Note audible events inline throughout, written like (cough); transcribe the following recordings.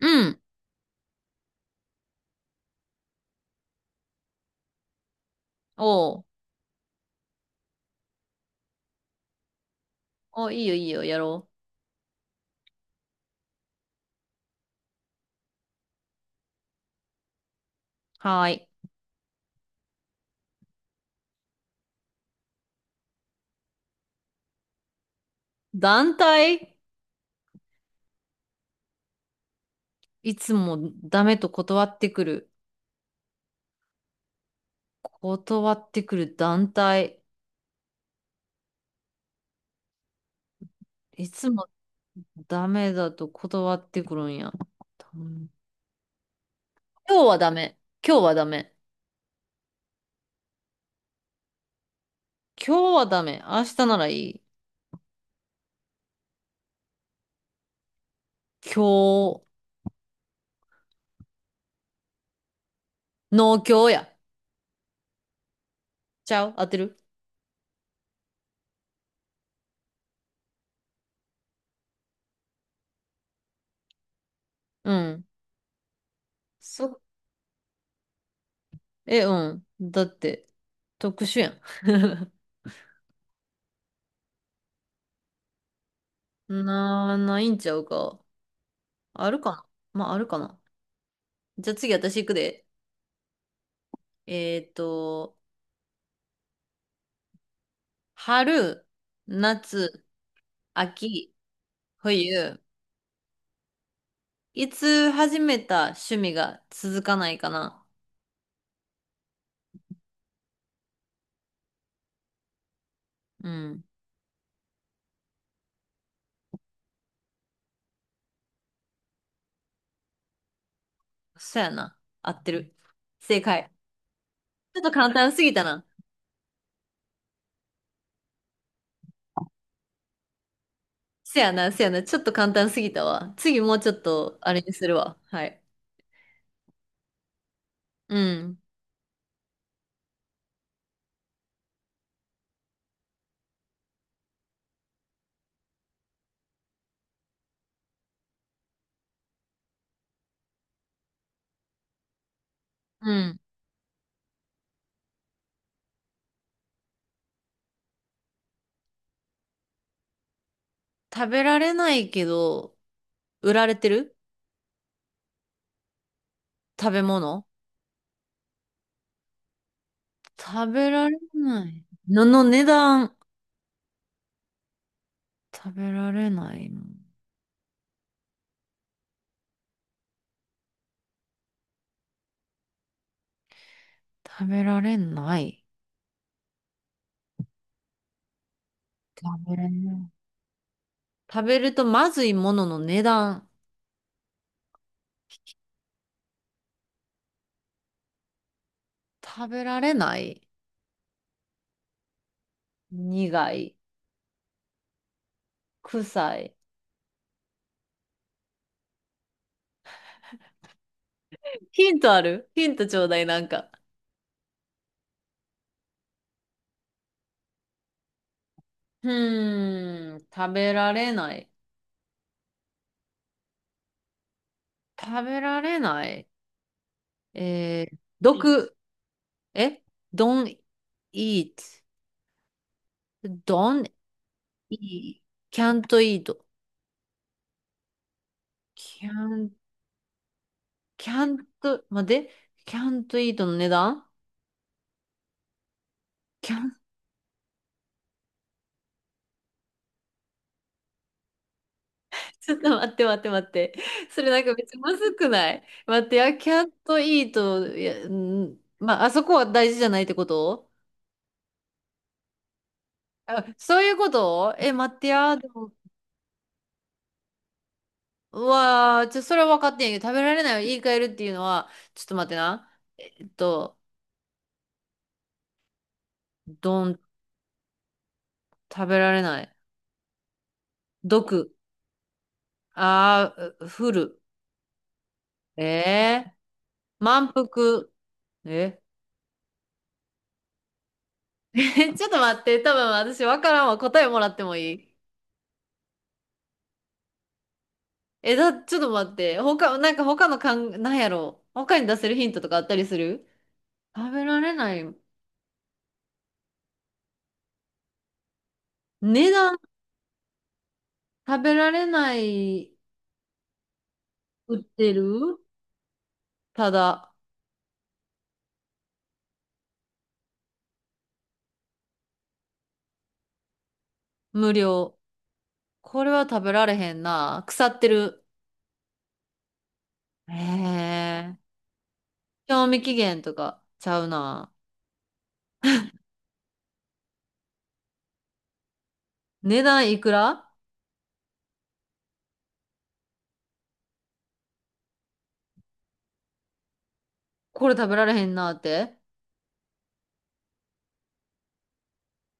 うん。おう。お、いいよいいよ、やろう。はーい。団体。いつもダメと断ってくる。断ってくる団体。いつもダメだと断ってくるんや。うん。今日はダメ。今日はダメ。今日はダメ。明日ならいい。今日、農協や。ちゃう、合ってる。うん。そ、え、うん。だって、特殊やん。(laughs) な、ないんちゃうか。あるかな。まあ、あるかな。じゃあ次私行くで。えっと、春、夏、秋、冬。いつ始めた趣味が続かないかな？うん。そやな。合ってる。正解。ちょっと簡単すぎたな。せやな、せやな。ちょっと簡単すぎたわ。次もうちょっと、あれにするわ。はい。うん。うん。食べられないけど、売られてる食べ物。食べられない、のの値段。食べられないの。食べられない。食べられない。食べるとまずいものの値段。食べられない。苦い。臭い。ヒントある？ヒントちょうだい、なんか。食べられない。食べられない。えー、毒。え？ don't eat. don't eat. can't eat. can't, can't, 待って。can't eat の値段。 can't。 (laughs) ちょっと待って待って待って。それなんかめっちゃまずくない？待って、やキャットイート、いや、んまあ、あそこは大事じゃないってこと？あ、そういうこと？え、待ってや、でも、うわー、ちょ、それは分かってんやけど、食べられないを言い換えるっていうのは、ちょっと待ってな。えっと、どん、食べられない。毒。あー、ふる。えー、満腹。え？ (laughs) ちょっと待って、多分私分からんわ。答えもらってもいい？え、だ、ちょっと待って。他、なんか他のかん、なんやろう。他に出せるヒントとかあったりする？食べられない。値段、食べられない、売ってる、ただ、無料。これは食べられへんな。腐ってる。へえ。賞味期限とかちゃうな。値段いくら？これ食べられへんなって。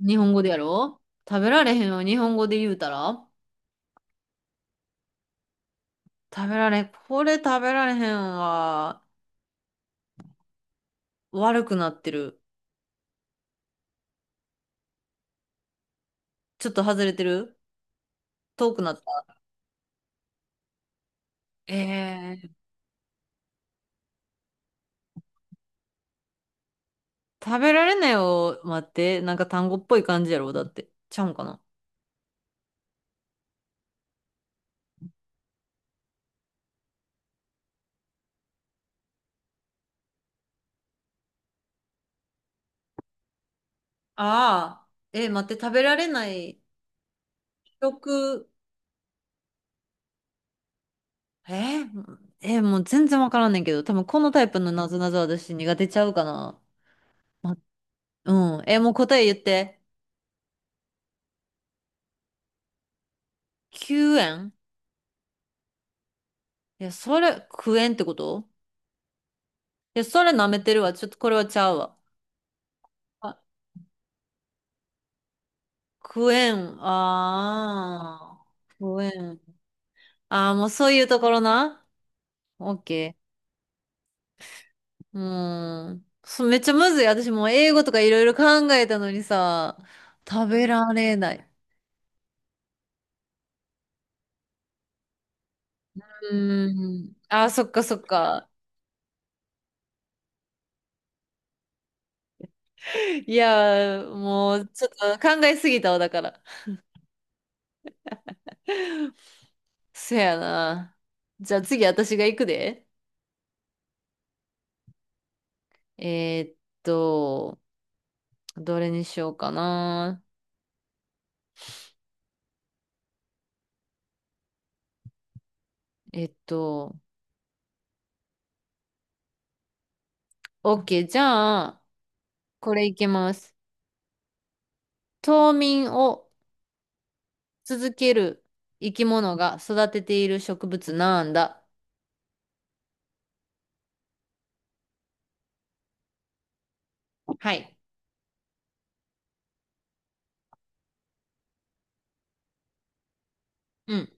日本語でやろ？食べられへんを日本語で言うたら食べられ、これ食べられへんは悪くなってる。ちょっと外れてる？遠くなった。えー、食べられないを待って、なんか単語っぽい感じやろ、だって。ちゃうんかな。ああ、えー、待って、食べられない、食、えー、えー、もう全然わからんねんけど、多分このタイプのなぞなぞ私苦手ちゃうかな。ま、うん。えー、もう答え言って。救援？いや、それ、クエンってこと？いや、それ舐めてるわ。ちょっとこれはちゃうわ。あ、クエン、ああ、クエン。ああ、もうそういうところな。OK。うーん。そう、めっちゃむずい。私もう英語とかいろいろ考えたのにさ、食べられない。うーん。あ、そっかそっか。いやー、もうちょっと考えすぎたわ、だから。そやな。じゃあ次私が行くで。えーっと、どれにしようかな。えっと、OK。じゃあ、これいけます。冬眠を続ける生き物が育てている植物なんだ？はい。うん。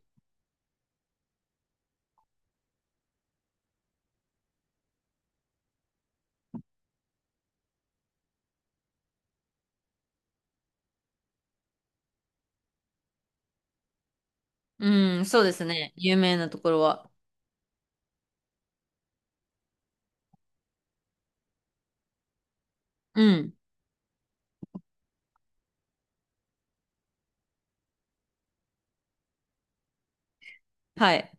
うん、そうですね。有名なところは。うん。はい。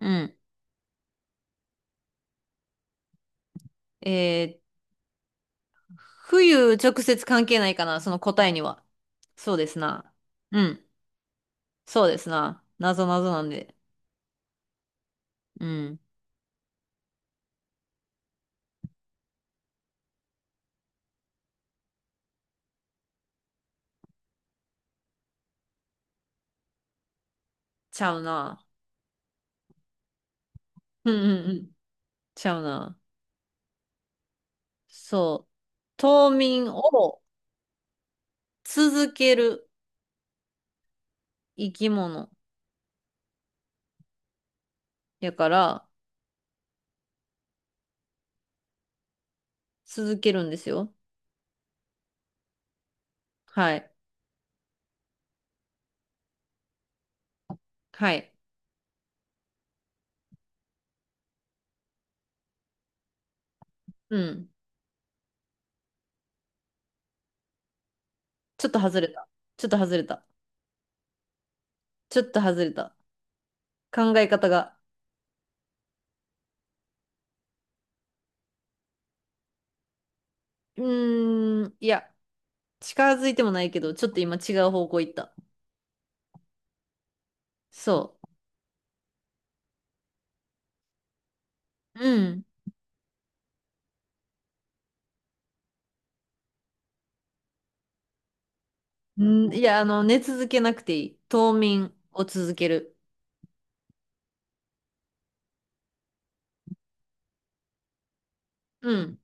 うん。えー、冬直接関係ないかな、その答えには。そうですな。うん。そうですな。なぞなぞなんで。うん。ちゃうな。うんうんうん。ちゃうな。そう。冬眠を続ける生き物やから、続けるんですよ。はい。はい。うん。ちょっと外れた。ちょっと外れた。ちょっと外れた。考え方が。うーん。いや、近づいてもないけど、ちょっと今違う方向行った。そう。うん。うん、いや、あの、寝続けなくていい。冬眠を続ける。うん。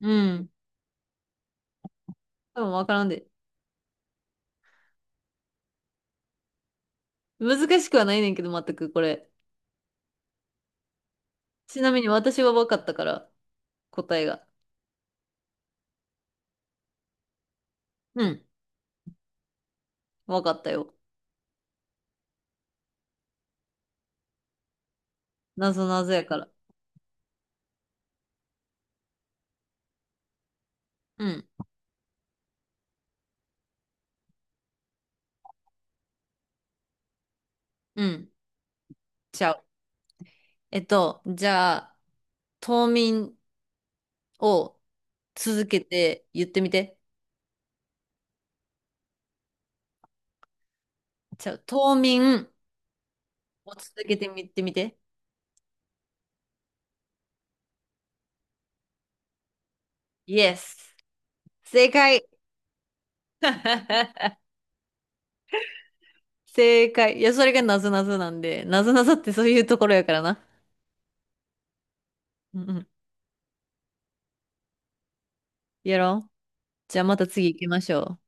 うん。多分わからんで。難しくはないねんけど、全くこれ。ちなみに私は分かったから、答えが。うん。分かったよ。なぞなぞやから。うん。うん。ちゃう。えっと、じゃあ、冬眠を続けて言ってみて。じゃあ、冬眠を続けてみてみて。Yes! 正解。 (laughs) 正解。いや、それがなぞなぞなんで、なぞなぞってそういうところやからな。うんうん。やろう。じゃあまた次行きましょう。